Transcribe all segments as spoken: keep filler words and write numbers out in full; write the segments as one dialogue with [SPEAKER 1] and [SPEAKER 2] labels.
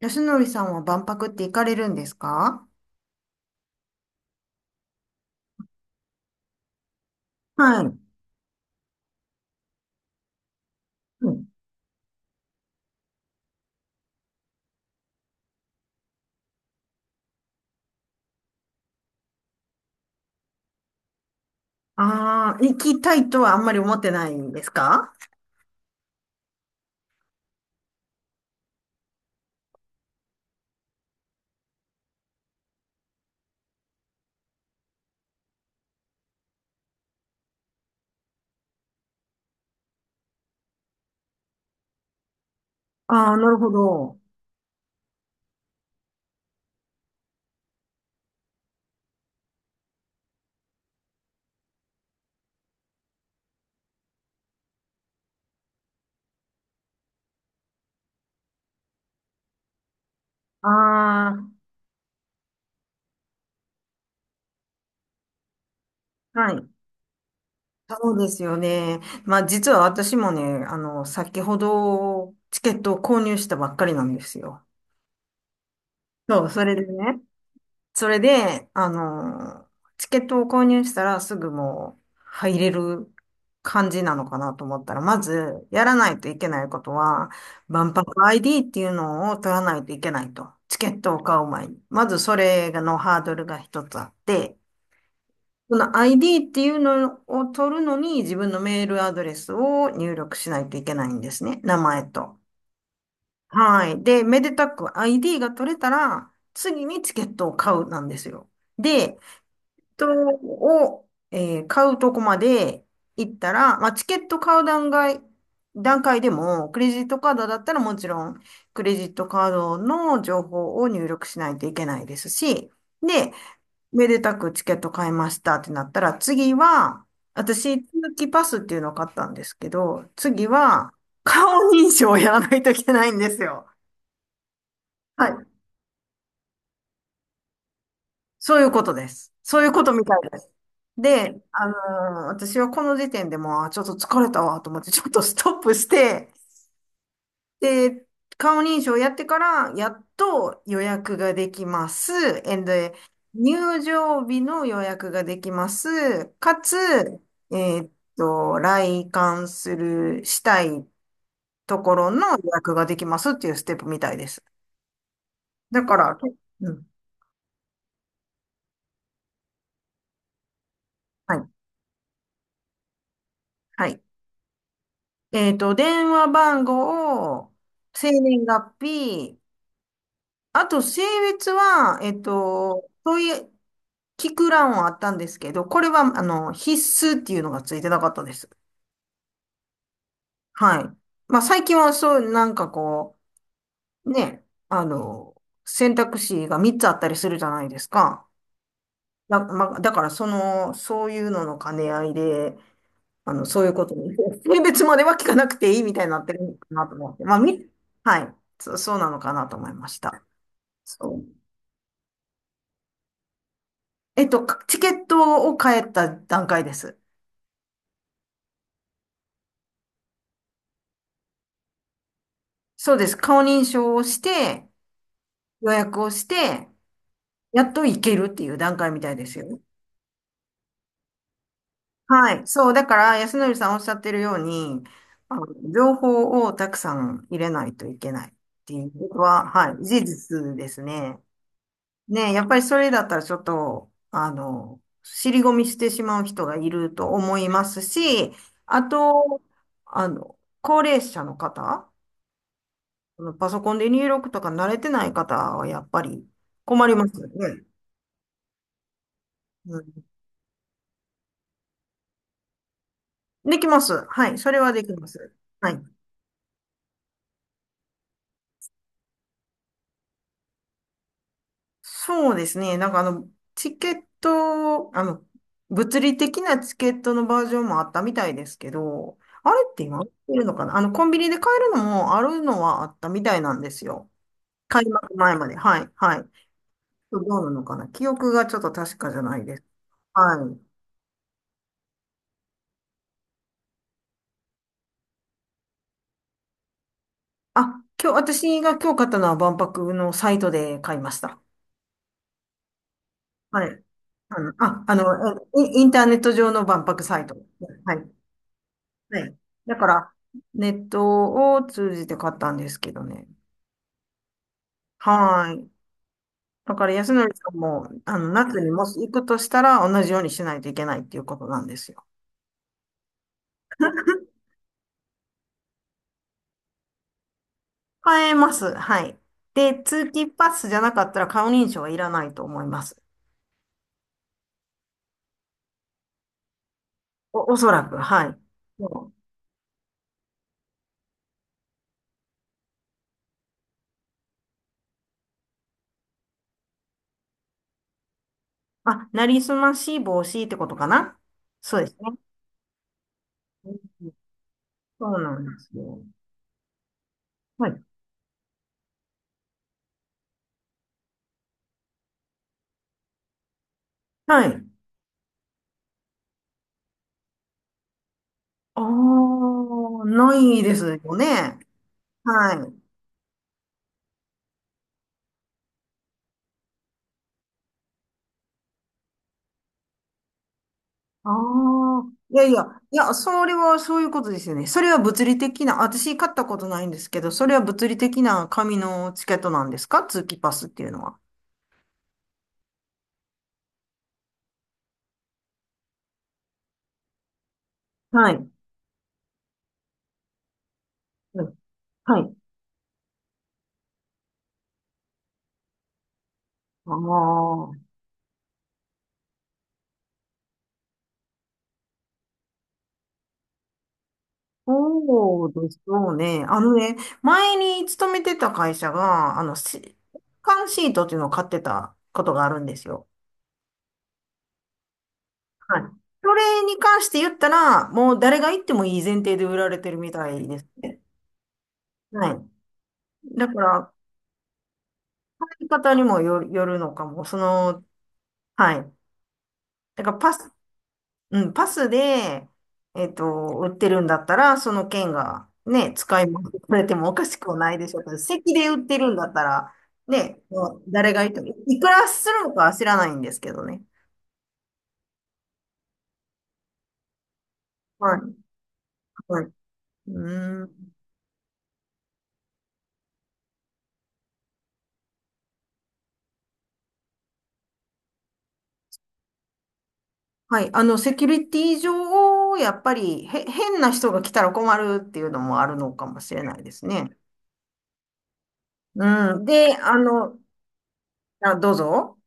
[SPEAKER 1] 安則さんは万博って行かれるんですか？はい。うん。ああ、行きたいとはあんまり思ってないんですか？ああ、なるほど。ああ、はい。そうですよね。まあ、実は私もね、あの、先ほどチケットを購入したばっかりなんですよ。そう、それでね。それで、あの、チケットを購入したらすぐもう入れる感じなのかなと思ったら、まずやらないといけないことは、万博 アイディー っていうのを取らないといけないと。チケットを買う前に。まずそれのハードルが一つあって、この アイディー っていうのを取るのに自分のメールアドレスを入力しないといけないんですね。名前と。はい。で、めでたく アイディー が取れたら、次にチケットを買うなんですよ。で、トを、えー買うとこまで行ったら、まあ、チケット買う段階、段階でも、クレジットカードだったらもちろん、クレジットカードの情報を入力しないといけないですし、で、めでたくチケット買いましたってなったら、次は、私、通期パスっていうのを買ったんですけど、次は、顔認証をやらないといけないんですよ。はい。そういうことです。そういうことみたいです。で、あのー私はこの時点でもう、あ、ちょっと疲れたわと思って、ちょっとストップして、で、顔認証やってから、やっと予約ができます。えんで、入場日の予約ができます。かつ、えーっと、来館する、したいところの予約ができますっていうステップみたいです。だから、うん、はい、はい。えっと、電話番号、生年月日、あと、性別は、えっと、そういう聞く欄はあったんですけど、これは、あの、必須っていうのがついてなかったです。はい。まあ、最近はそう、なんかこう、ね、あの、選択肢がみっつあったりするじゃないですか。だ、まあ、だから、その、そういうのの兼ね合いで、あの、そういうことに、性別までは聞かなくていいみたいになってるのかなと思って。まあ、み、はい。そ、そうなのかなと思いました。そう。えっと、チケットを買えた段階です。そうです。顔認証をして、予約をして、やっと行けるっていう段階みたいですよ。はい。そう。だから、安則さんおっしゃってるように、あの、情報をたくさん入れないといけないっていうことは、はい。事実ですね。ね、やっぱりそれだったらちょっと、あの、尻込みしてしまう人がいると思いますし、あと、あの、高齢者の方、あのパソコンで入力とか慣れてない方はやっぱり困りますよね。うん。できます。はい。それはできます。はい。そうですね。なんかあの、チケット、あの、物理的なチケットのバージョンもあったみたいですけど、あれって今売ってるのかな？あの、コンビニで買えるのもあるのはあったみたいなんですよ。開幕前まで。はい。はい。どうなのかな？記憶がちょっと確かじゃないです。はい。あ、今日、私が今日買ったのは万博のサイトで買いました。はい。あの、あ、あの、えインインターネット上の万博サイト。はい。はい。だから、ネットを通じて買ったんですけどね。はい。だから、安則さんも、あの、夏にもし行くとしたら、同じようにしないといけないっていうことなんですよ。買えます。はい。で、通勤パスじゃなかったら顔認証はいらないと思います。お、おそらく、はい。そう。あ、なりすまし防止ってことかな？そうですね。うん。そうなんですよ。はい。はい。ああ、ないですよね。はい。ああ、いやいや、いや、それはそういうことですよね。それは物理的な、私買ったことないんですけど、それは物理的な紙のチケットなんですか？通期パスっていうのは。はい。うん。はい。ああ、そうでしょうね。あのね、前に勤めてた会社が、あの、し缶シートっていうのを買ってたことがあるんですよ。はい。それに関して言ったら、もう誰が行ってもいい前提で売られてるみたいですね。はい。だから、使い方にもよる、よるのかも。その、はい。だから、パス、うん、パスで、えっと、売ってるんだったら、その券がね、使い回さてれてもおかしくはないでしょうけど、席で売ってるんだったら、ね、もう誰がいても、いくらするのかは知らないんですけどね。はい。はい。うん。はい。あの、セキュリティ上、やっぱり、へ、変な人が来たら困るっていうのもあるのかもしれないですね。うん。で、あの、あ、どうぞ。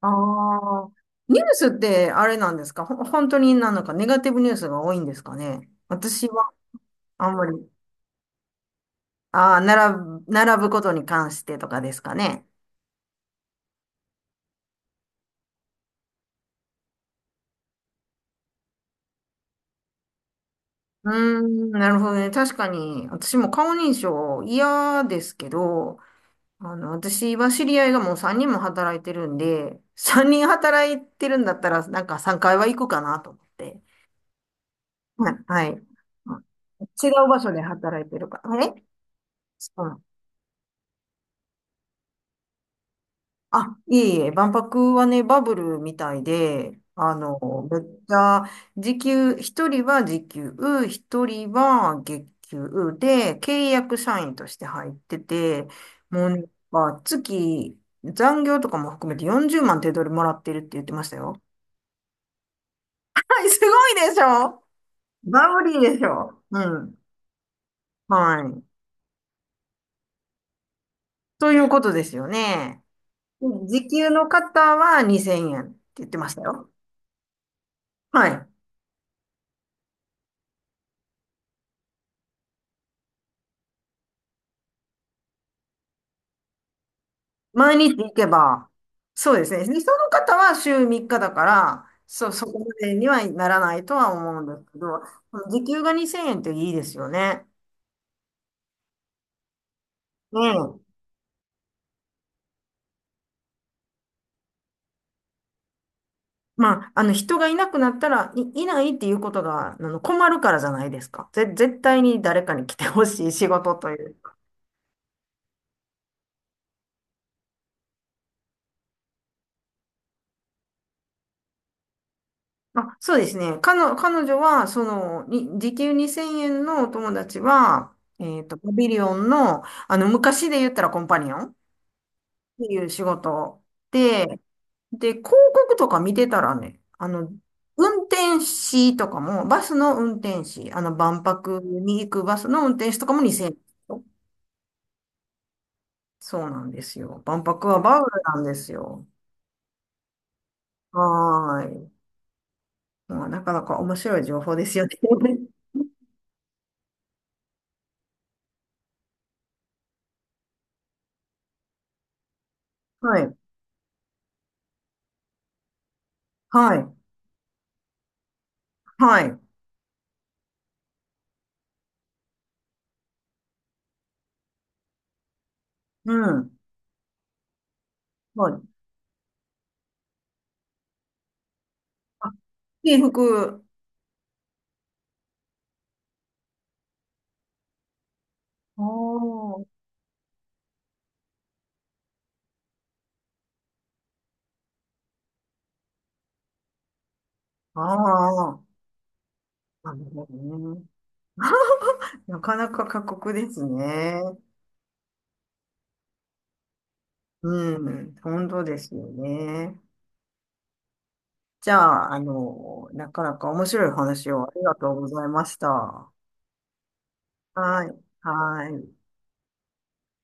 [SPEAKER 1] ああ、ニュースってあれなんですか？ほ、本当になんかネガティブニュースが多いんですかね？私はあんまり、ああ、並ぶ、並ぶことに関してとかですかね。うーん、なるほどね。確かに、私も顔認証嫌ですけど、あの、私は知り合いがもうさんにんも働いてるんで、さんにん働いてるんだったら、なんかさんかいは行くかなと思って。はい。はい。違う場所で働いてるからね。えあ、いえいえ、万博はね、バブルみたいで、あの、めっちゃ、時給、一人は時給、一人は月給で、契約社員として入ってて、もうね、まあ、月、残業とかも含めてよんじゅうまん手取りもらってるって言ってましたよ。はい、すごいでしょ？バブリーでしょう。ん。はい。ということですよね。時給の方はにせんえんって言ってましたよ。はい。毎日行けば、そうですね。でその方は週みっかだから、そう、そこまでにはならないとは思うんですけど、時給がにせんえんっていいですよね。ねえ。まあ、あの、人がいなくなったら、い、いないっていうことが、あの、困るからじゃないですか。ぜ、絶対に誰かに来てほしい仕事というか。あ、そうですね。彼女、彼女は、その、に時給にせんえんのお友達は、えっと、パビリオンの、あの、昔で言ったらコンパニオンっていう仕事でで、広告とか見てたらね、あの、運転士とかも、バスの運転士、あの、万博に行くバスの運転士とかもにせんえん。そうなんですよ。万博はバブルなんですよ。はーい。まあ、なかなか面白い情報ですよね。はい。はい。はい。うん。はい。あ、制服。おー。ああ。なるほどね。なかなか過酷ですね。うん。本当ですよね。じゃあ、あの、なかなか面白い話をありがとうございました。はい。はい。